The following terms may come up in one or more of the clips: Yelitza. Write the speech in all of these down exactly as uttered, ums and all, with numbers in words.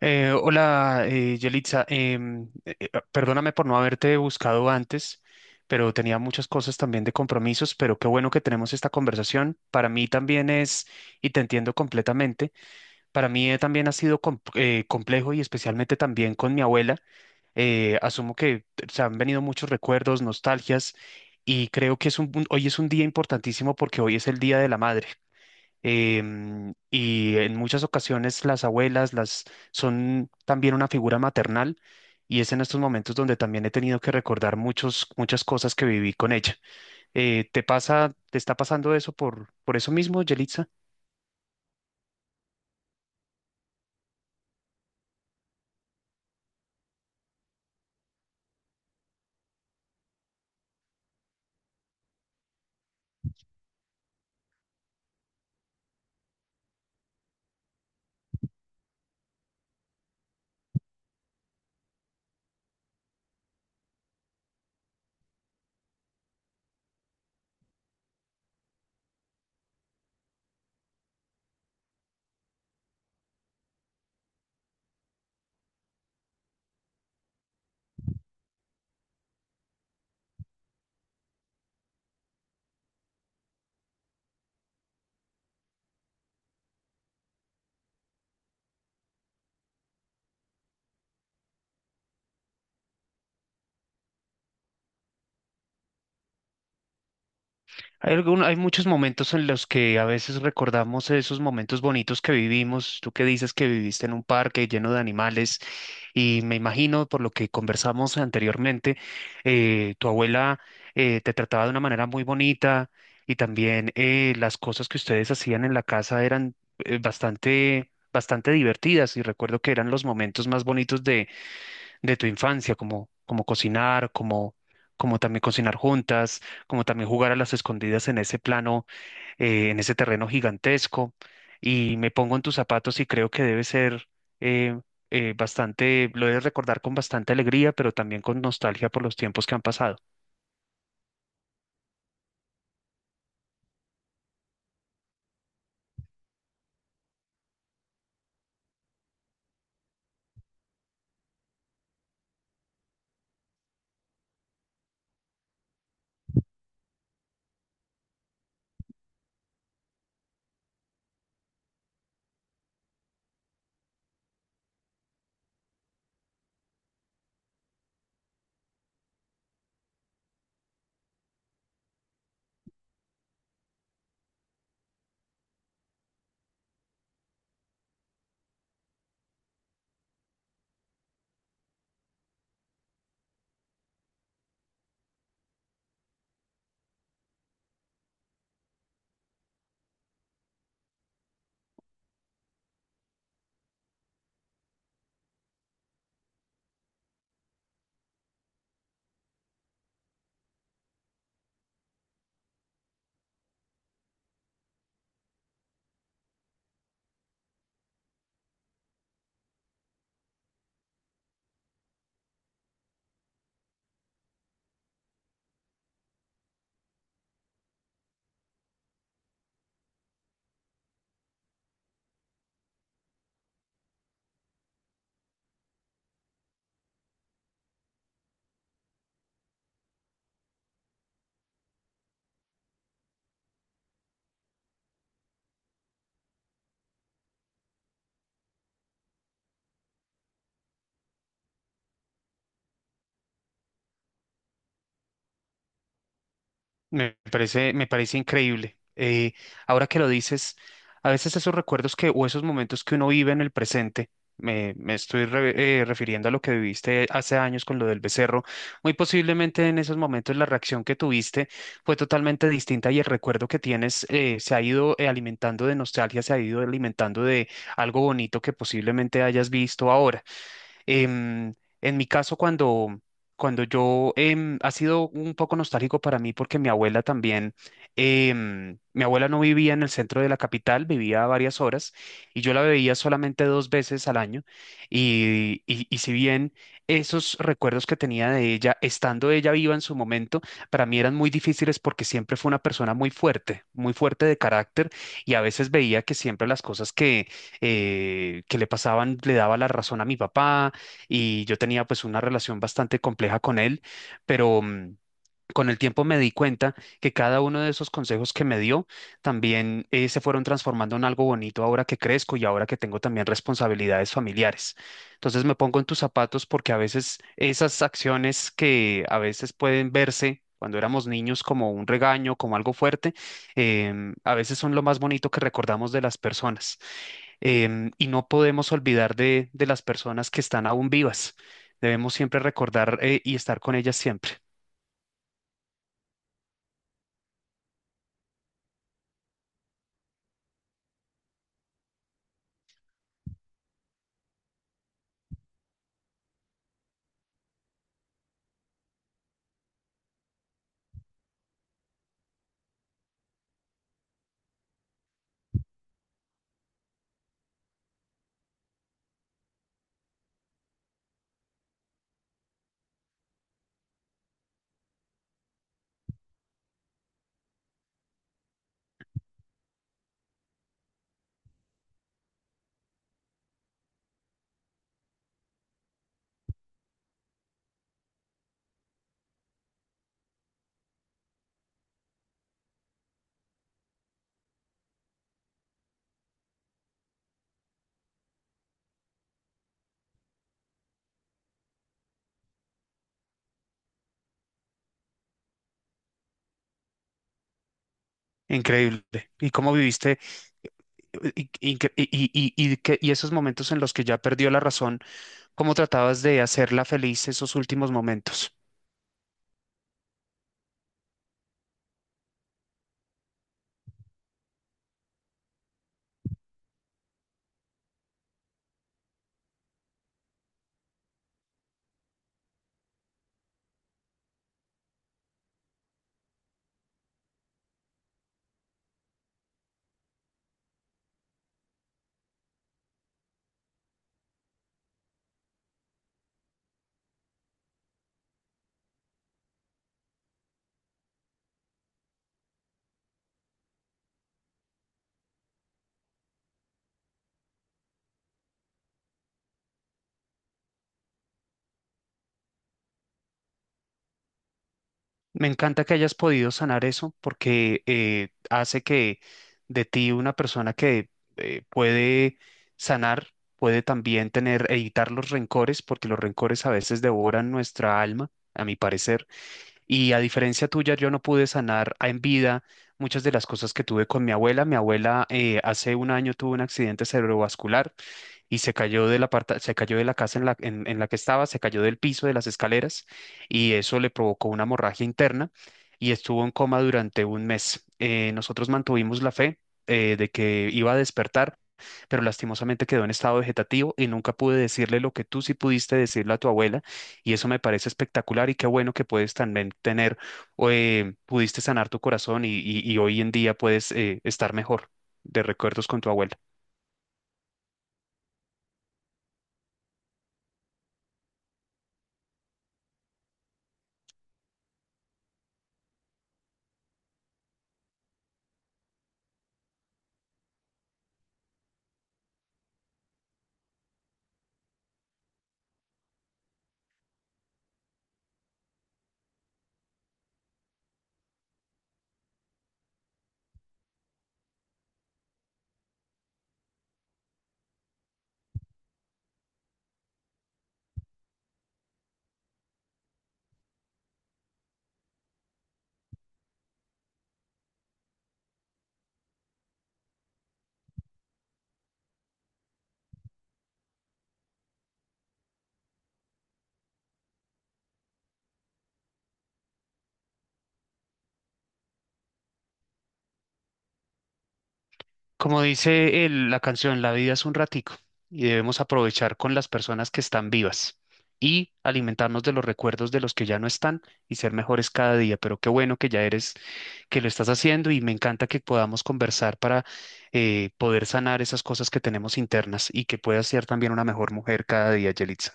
Eh, hola, eh, Yelitza. Em, eh, eh, perdóname por no haberte buscado antes, pero tenía muchas cosas también de compromisos, pero qué bueno que tenemos esta conversación. Para mí también es, y te entiendo completamente, para mí eh, también ha sido com- eh, complejo y especialmente también con mi abuela. Eh, asumo que se han venido muchos recuerdos, nostalgias, y creo que es un, un- hoy es un día importantísimo porque hoy es el Día de la Madre, em, y en muchas ocasiones las abuelas las son también una figura maternal y es en estos momentos donde también he tenido que recordar muchos, muchas cosas que viví con ella. Eh, ¿te pasa, te está pasando eso por, por eso mismo, Yelitza? Hay algún- hay muchos momentos en los que a veces recordamos esos momentos bonitos que vivimos. Tú que dices que viviste en un parque lleno de animales y me imagino por lo que conversamos anteriormente. Eh, tu abuela eh, te trataba de una manera muy bonita y también eh, las cosas que ustedes hacían en la casa eran eh, bastante, bastante divertidas y recuerdo que eran los momentos más bonitos de tu infancia, como, como cocinar, como, como también cocinar juntas, como también jugar a las escondidas en ese plano, eh, en ese terreno gigantesco. Y me pongo en tus zapatos y creo que debe ser eh, eh, bastante, lo debes recordar con bastante alegría, pero también con nostalgia por los tiempos que han pasado. Me parece, me parece increíble. Eh, ahora que lo dices, a veces esos recuerdos que o esos momentos que uno vive en el presente, me, me estoy re- eh, refiriendo a lo que viviste hace años con lo del becerro, muy posiblemente en esos momentos la reacción que tuviste fue totalmente distinta y el recuerdo que tienes eh, se ha ido eh, alimentando de nostalgia, se ha ido alimentando de algo bonito que posiblemente hayas visto ahora. Em, en mi caso, cuando, cuando yo em, ha sido un poco nostálgico para mí porque mi abuela también, em, mi abuela no vivía en el centro de la capital, vivía a varias horas y yo la veía solamente dos veces al año. Y, y, y si bien esos recuerdos que tenía de ella, estando ella viva en su momento, para mí eran muy difíciles porque siempre fue una persona muy fuerte, muy fuerte de carácter y a veces veía que siempre las cosas que, eh, que le pasaban le daba la razón a mi papá y yo tenía pues una relación bastante compleja con él, pero... mm, con el tiempo me di cuenta que cada uno de esos consejos que me dio también eh, se fueron transformando en algo bonito ahora que crezco y ahora que tengo también responsabilidades familiares. Entonces me pongo en tus zapatos porque a veces esas acciones que a veces pueden verse cuando éramos niños como un regaño, como algo fuerte, em, a veces son lo más bonito que recordamos de las personas. Em, y no podemos olvidar de, de las personas que están aún vivas. Debemos siempre recordar, eh, y estar con ellas siempre. Increíble. ¿Y cómo viviste? Y, y, y, y- y que- y esos momentos en los que ya perdió la razón, ¿cómo tratabas de hacerla feliz esos últimos momentos? Me encanta que hayas podido sanar eso porque eh, hace que de ti una persona que eh, puede sanar, puede también tener, evitar los rencores, porque los rencores a veces devoran nuestra alma, a mi parecer. Y a diferencia tuya, yo no pude sanar a- en vida muchas de las cosas que tuve con mi abuela. Mi abuela eh, hace un año tuvo un accidente cerebrovascular y se cayó de la parta- se cayó de la casa en la, en, en la que estaba, se cayó del piso de las escaleras y eso le provocó una hemorragia interna y estuvo en coma durante un mes. Eh, nosotros mantuvimos la fe eh, de que iba a despertar, pero lastimosamente quedó en estado vegetativo y nunca pude decirle lo que tú sí pudiste decirle a tu abuela y eso me parece espectacular y qué bueno que puedes también tener, eh, pudiste sanar tu corazón y, y- y hoy en día puedes eh, estar mejor de recuerdos con tu abuela. Como dice el- la canción, la vida es un ratico y debemos aprovechar con las personas que están vivas y alimentarnos de los recuerdos de los que ya no están y ser mejores cada día. Pero qué bueno que ya eres, que lo estás haciendo y me encanta que podamos conversar para eh, poder sanar esas cosas que tenemos internas y que puedas ser también una mejor mujer cada día, Yelitza.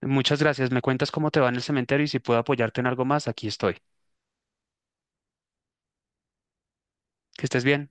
Muchas gracias. Me cuentas cómo te va en el cementerio y si puedo apoyarte en algo más, aquí estoy. Que estés bien.